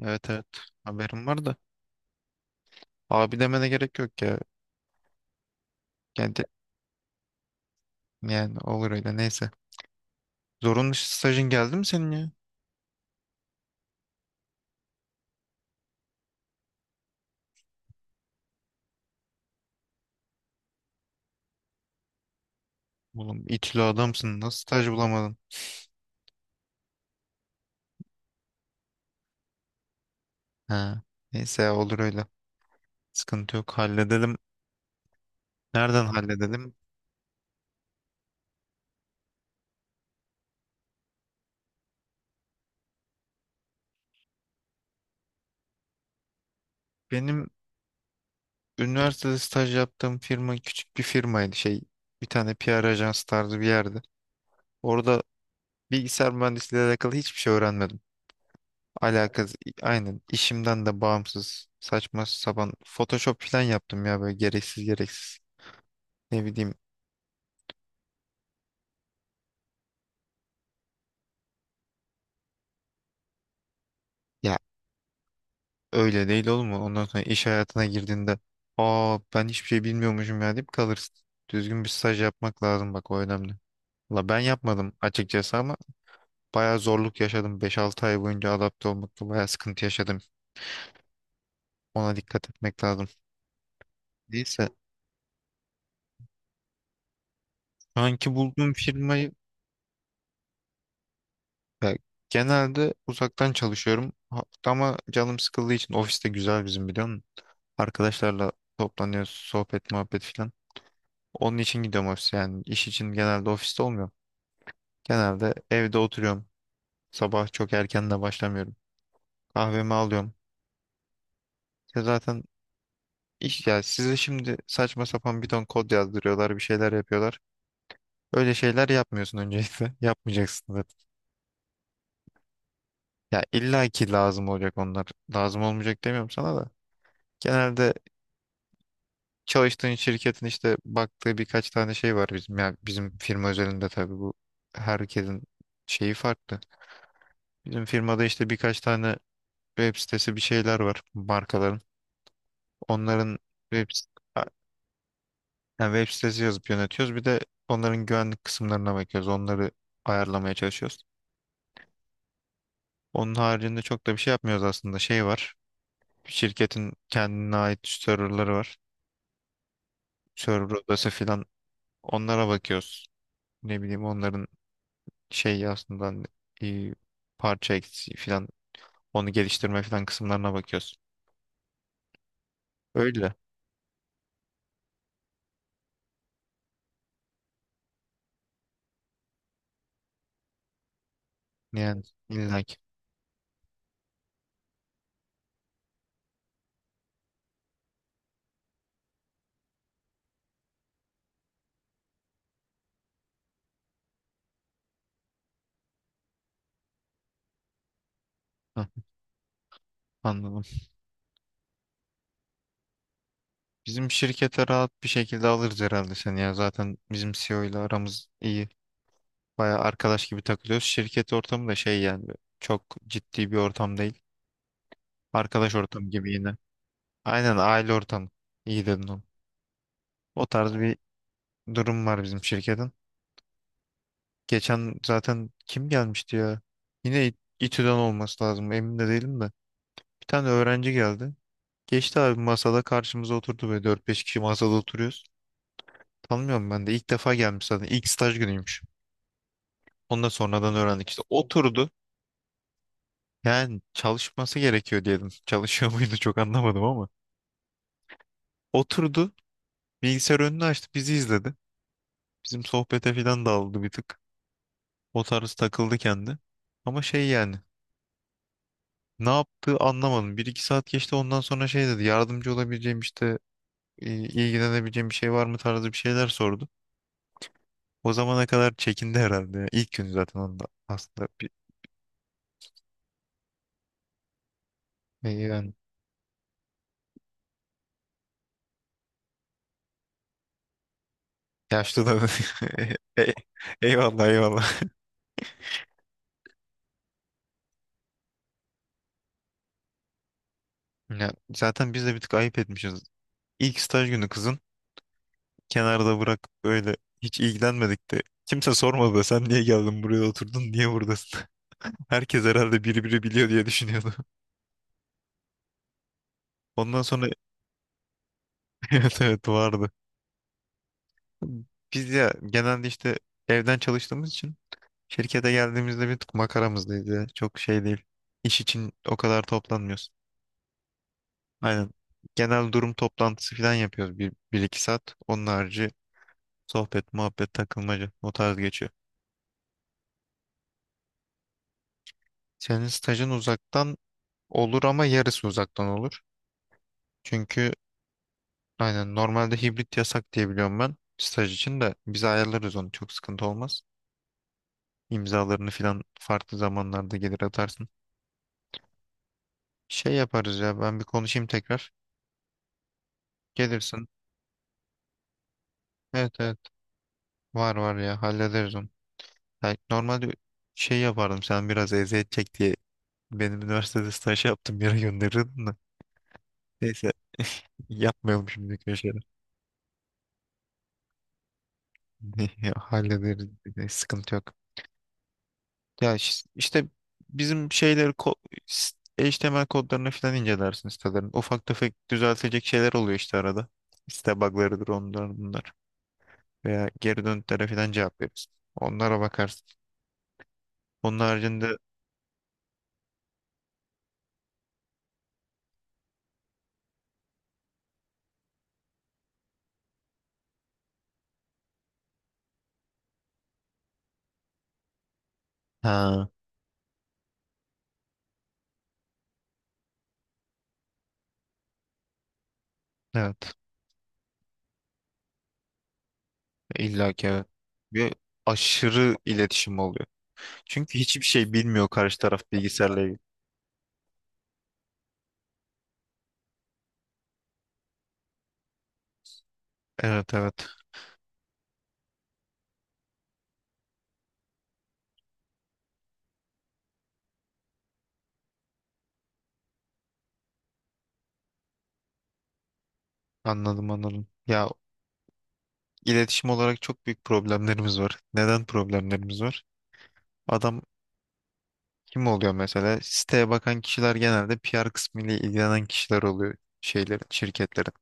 Evet evet, haberim var da. Abi demene gerek yok ya. Kendi, yani olur öyle, neyse. Zorunlu stajın geldi mi senin ya? Oğlum itili adamsın, nasıl staj bulamadın? Ha. Neyse ya, olur öyle. Sıkıntı yok, halledelim. Nereden halledelim? Benim üniversitede staj yaptığım firma küçük bir firmaydı, bir tane PR ajansı tarzı bir yerdi. Orada bilgisayar mühendisliğiyle alakalı hiçbir şey öğrenmedim. Alakası aynen, işimden de bağımsız saçma sapan Photoshop falan yaptım ya, böyle gereksiz gereksiz. Ne bileyim ya, öyle değil, olur mu? Ondan sonra iş hayatına girdiğinde, aa ben hiçbir şey bilmiyormuşum ya deyip kalırsın. Düzgün bir staj yapmak lazım, bak o önemli. La ben yapmadım açıkçası ama bayağı zorluk yaşadım. Beş altı ay boyunca adapte olmakta bayağı sıkıntı yaşadım. Ona dikkat etmek lazım. Neyse, şu anki bulduğum firmayı. Ya, genelde uzaktan çalışıyorum. Ha- ama canım sıkıldığı için ofiste güzel bizim, biliyor musun? Arkadaşlarla toplanıyoruz, sohbet muhabbet filan. Onun için gidiyorum ofise, yani iş için genelde ofiste olmuyorum. Genelde evde oturuyorum. Sabah çok erken de başlamıyorum. Kahvemi alıyorum. Ya zaten iş, ya size şimdi saçma sapan bir ton kod yazdırıyorlar, bir şeyler yapıyorlar. Öyle şeyler yapmıyorsun öncelikle. Yapmayacaksın zaten. Ya illa ki lazım olacak onlar. Lazım olmayacak demiyorum sana da. Genelde çalıştığın şirketin işte baktığı birkaç tane şey var bizim, yani bizim firma özelinde tabii bu, herkesin şeyi farklı. Bizim firmada işte birkaç tane web sitesi bir şeyler var markaların. Onların web, a- yani web sitesi yazıp yönetiyoruz. Bir de onların güvenlik kısımlarına bakıyoruz. Onları ayarlamaya çalışıyoruz. Onun haricinde çok da bir şey yapmıyoruz aslında. Şey var. Şirketin kendine ait serverları var. Server odası filan, onlara bakıyoruz. Ne bileyim, onların şey aslında, e, parça eksiği falan, onu geliştirme falan kısımlarına bakıyorsun. Öyle. Yani illaki. Hah, anladım. Bizim şirkete rahat bir şekilde alırız herhalde seni ya. Zaten bizim CEO ile aramız iyi. Baya arkadaş gibi takılıyoruz. Şirket ortamı da şey, yani çok ciddi bir ortam değil. Arkadaş ortamı gibi yine. Aynen aile ortamı. İyi dedin onu. O tarz bir durum var bizim şirketin. Geçen zaten kim gelmişti ya? Yine İ- İTÜ'den olması lazım. Emin de değilim de. Bir tane öğrenci geldi. Geçti abi, masada karşımıza oturdu, böyle dört beş kişi masada oturuyoruz. Tanımıyorum, ben de ilk defa gelmiş zaten, İlk staj günüymüş. Ondan sonradan öğrendik işte, oturdu. Yani çalışması gerekiyor diyelim. Çalışıyor muydu çok anlamadım ama. Oturdu, bilgisayar önünü açtı, bizi izledi. Bizim sohbete falan daldı bir tık. O tarz takıldı kendi. Ama şey, yani ne yaptığı anlamadım. Bir iki saat geçti, ondan sonra şey dedi, yardımcı olabileceğim işte, i- ilgilenebileceğim bir şey var mı tarzı bir şeyler sordu. O zamana kadar çekindi herhalde ya. İlk gün zaten, onda aslında bir, yani yaşlı da. Ey- Eyvallah, eyvallah. Ya, zaten biz de bir tık ayıp etmişiz. İlk staj günü, kızın kenarda bırak, böyle hiç ilgilenmedik de. Kimse sormadı da sen niye geldin buraya, oturdun niye buradasın? Herkes herhalde biri biri biliyor diye düşünüyordu. Ondan sonra evet evet, vardı. Biz ya genelde işte evden çalıştığımız için şirkete geldiğimizde bir tık makaramızdaydı. Çok şey değil. İş için o kadar toplanmıyoruz. Aynen. Genel durum toplantısı falan yapıyoruz, bir iki saat. Onun harici sohbet, muhabbet, takılmaca, o tarz geçiyor. Senin stajın uzaktan olur, ama yarısı uzaktan olur. Çünkü aynen, normalde hibrit yasak diye biliyorum ben. Staj için de biz ayarlarız onu, çok sıkıntı olmaz. İmzalarını falan farklı zamanlarda gelir atarsın. Şey yaparız ya, ben bir konuşayım tekrar. Gelirsin. Evet evet. Var var ya, hallederiz onu. Yani normalde şey yapardım, sen biraz eziyet çek diye benim üniversitede staj yaptım yere gönderirdin de. Neyse, yapmayalım şimdi öyle şeyler. Ya, hallederiz, sıkıntı yok. Ya işte bizim şeyleri s- HTML kodlarını falan incelersin sitelerin. Ufak tefek düzeltecek şeyler oluyor işte arada. Site bug'larıdır onlar bunlar. Veya geri dönütlere falan cevap veririz. Onlara bakarsın. Onun haricinde ha, evet. İlla ki evet. Ve aşırı iletişim oluyor. Çünkü hiçbir şey bilmiyor karşı taraf bilgisayarla ilgili. Evet evet, anladım anladım. Ya iletişim olarak çok büyük problemlerimiz var. Neden problemlerimiz var? Adam kim oluyor mesela? Siteye bakan kişiler genelde PR kısmıyla ilgilenen kişiler oluyor şeylerin, şirketlerin.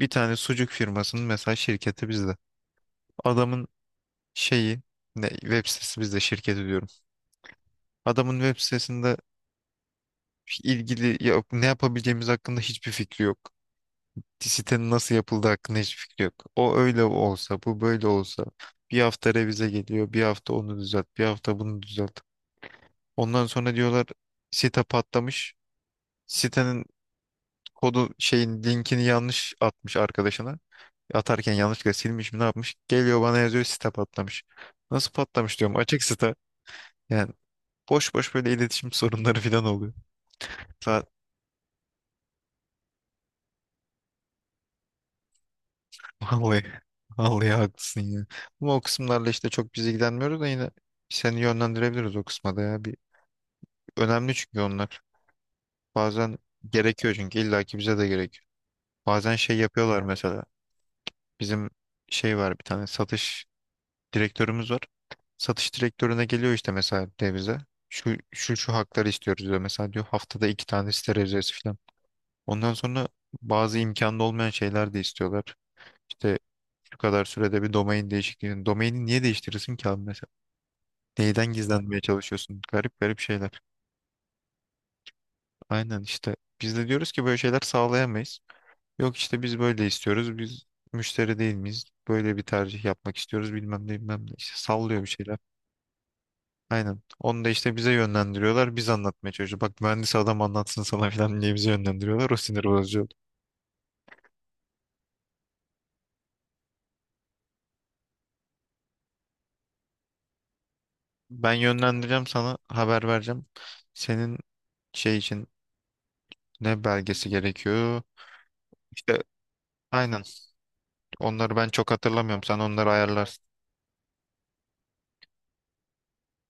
Bir tane sucuk firmasının mesela şirketi bizde. Adamın şeyi ne, web sitesi bizde şirketi diyorum. Adamın web sitesinde ilgili ya, ne yapabileceğimiz hakkında hiçbir fikri yok. Sitenin nasıl yapıldığı hakkında hiçbir fikri yok. O öyle olsa, bu böyle olsa. Bir hafta revize geliyor, bir hafta onu düzelt, bir hafta bunu düzelt. Ondan sonra diyorlar site patlamış. Sitenin kodu, şeyin linkini yanlış atmış arkadaşına. Atarken yanlışlıkla silmiş mi ne yapmış? Geliyor bana yazıyor site patlamış. Nasıl patlamış diyorum, açık site. Yani boş boş böyle iletişim sorunları falan oluyor. Vallahi, vallahi haklısın ya. Ama o kısımlarla işte çok biz ilgilenmiyoruz da, yine seni yönlendirebiliriz o kısma da ya. Bir, önemli çünkü onlar. Bazen gerekiyor çünkü illaki bize de gerekiyor. Bazen şey yapıyorlar mesela. Bizim şey var, bir tane satış direktörümüz var. Satış direktörüne geliyor işte mesela devize. Şu şu şu hakları istiyoruz diyor. Mesela diyor haftada iki tane sterilize falan. Ondan sonra bazı imkanda olmayan şeyler de istiyorlar. İşte şu kadar sürede bir domain değişikliğini. Domaini niye değiştirirsin ki abi mesela? Neyden gizlenmeye çalışıyorsun? Garip garip şeyler. Aynen işte. Biz de diyoruz ki böyle şeyler sağlayamayız. Yok işte biz böyle istiyoruz. Biz müşteri değil miyiz? Böyle bir tercih yapmak istiyoruz. Bilmem ne bilmem ne. İşte sallıyor bir şeyler. Aynen. Onu da işte bize yönlendiriyorlar. Biz anlatmaya çalışıyoruz. Bak mühendis adam anlatsın sana falan diye bizi yönlendiriyorlar. O sinir bozucu oldu. Ben yönlendireceğim sana. Haber vereceğim. Senin şey için ne belgesi gerekiyor? İşte aynen. Onları ben çok hatırlamıyorum. Sen onları ayarlarsın.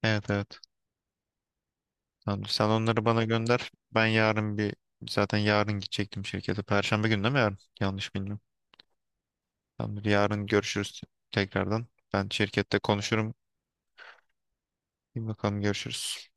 Evet evet. Tamam, sen onları bana gönder. Ben yarın, bir zaten yarın gidecektim şirkete. Perşembe günü değil mi yarın? Yanlış bilmiyorum. Tamamdır. Yarın görüşürüz tekrardan. Ben şirkette konuşurum. Bir bakalım, görüşürüz.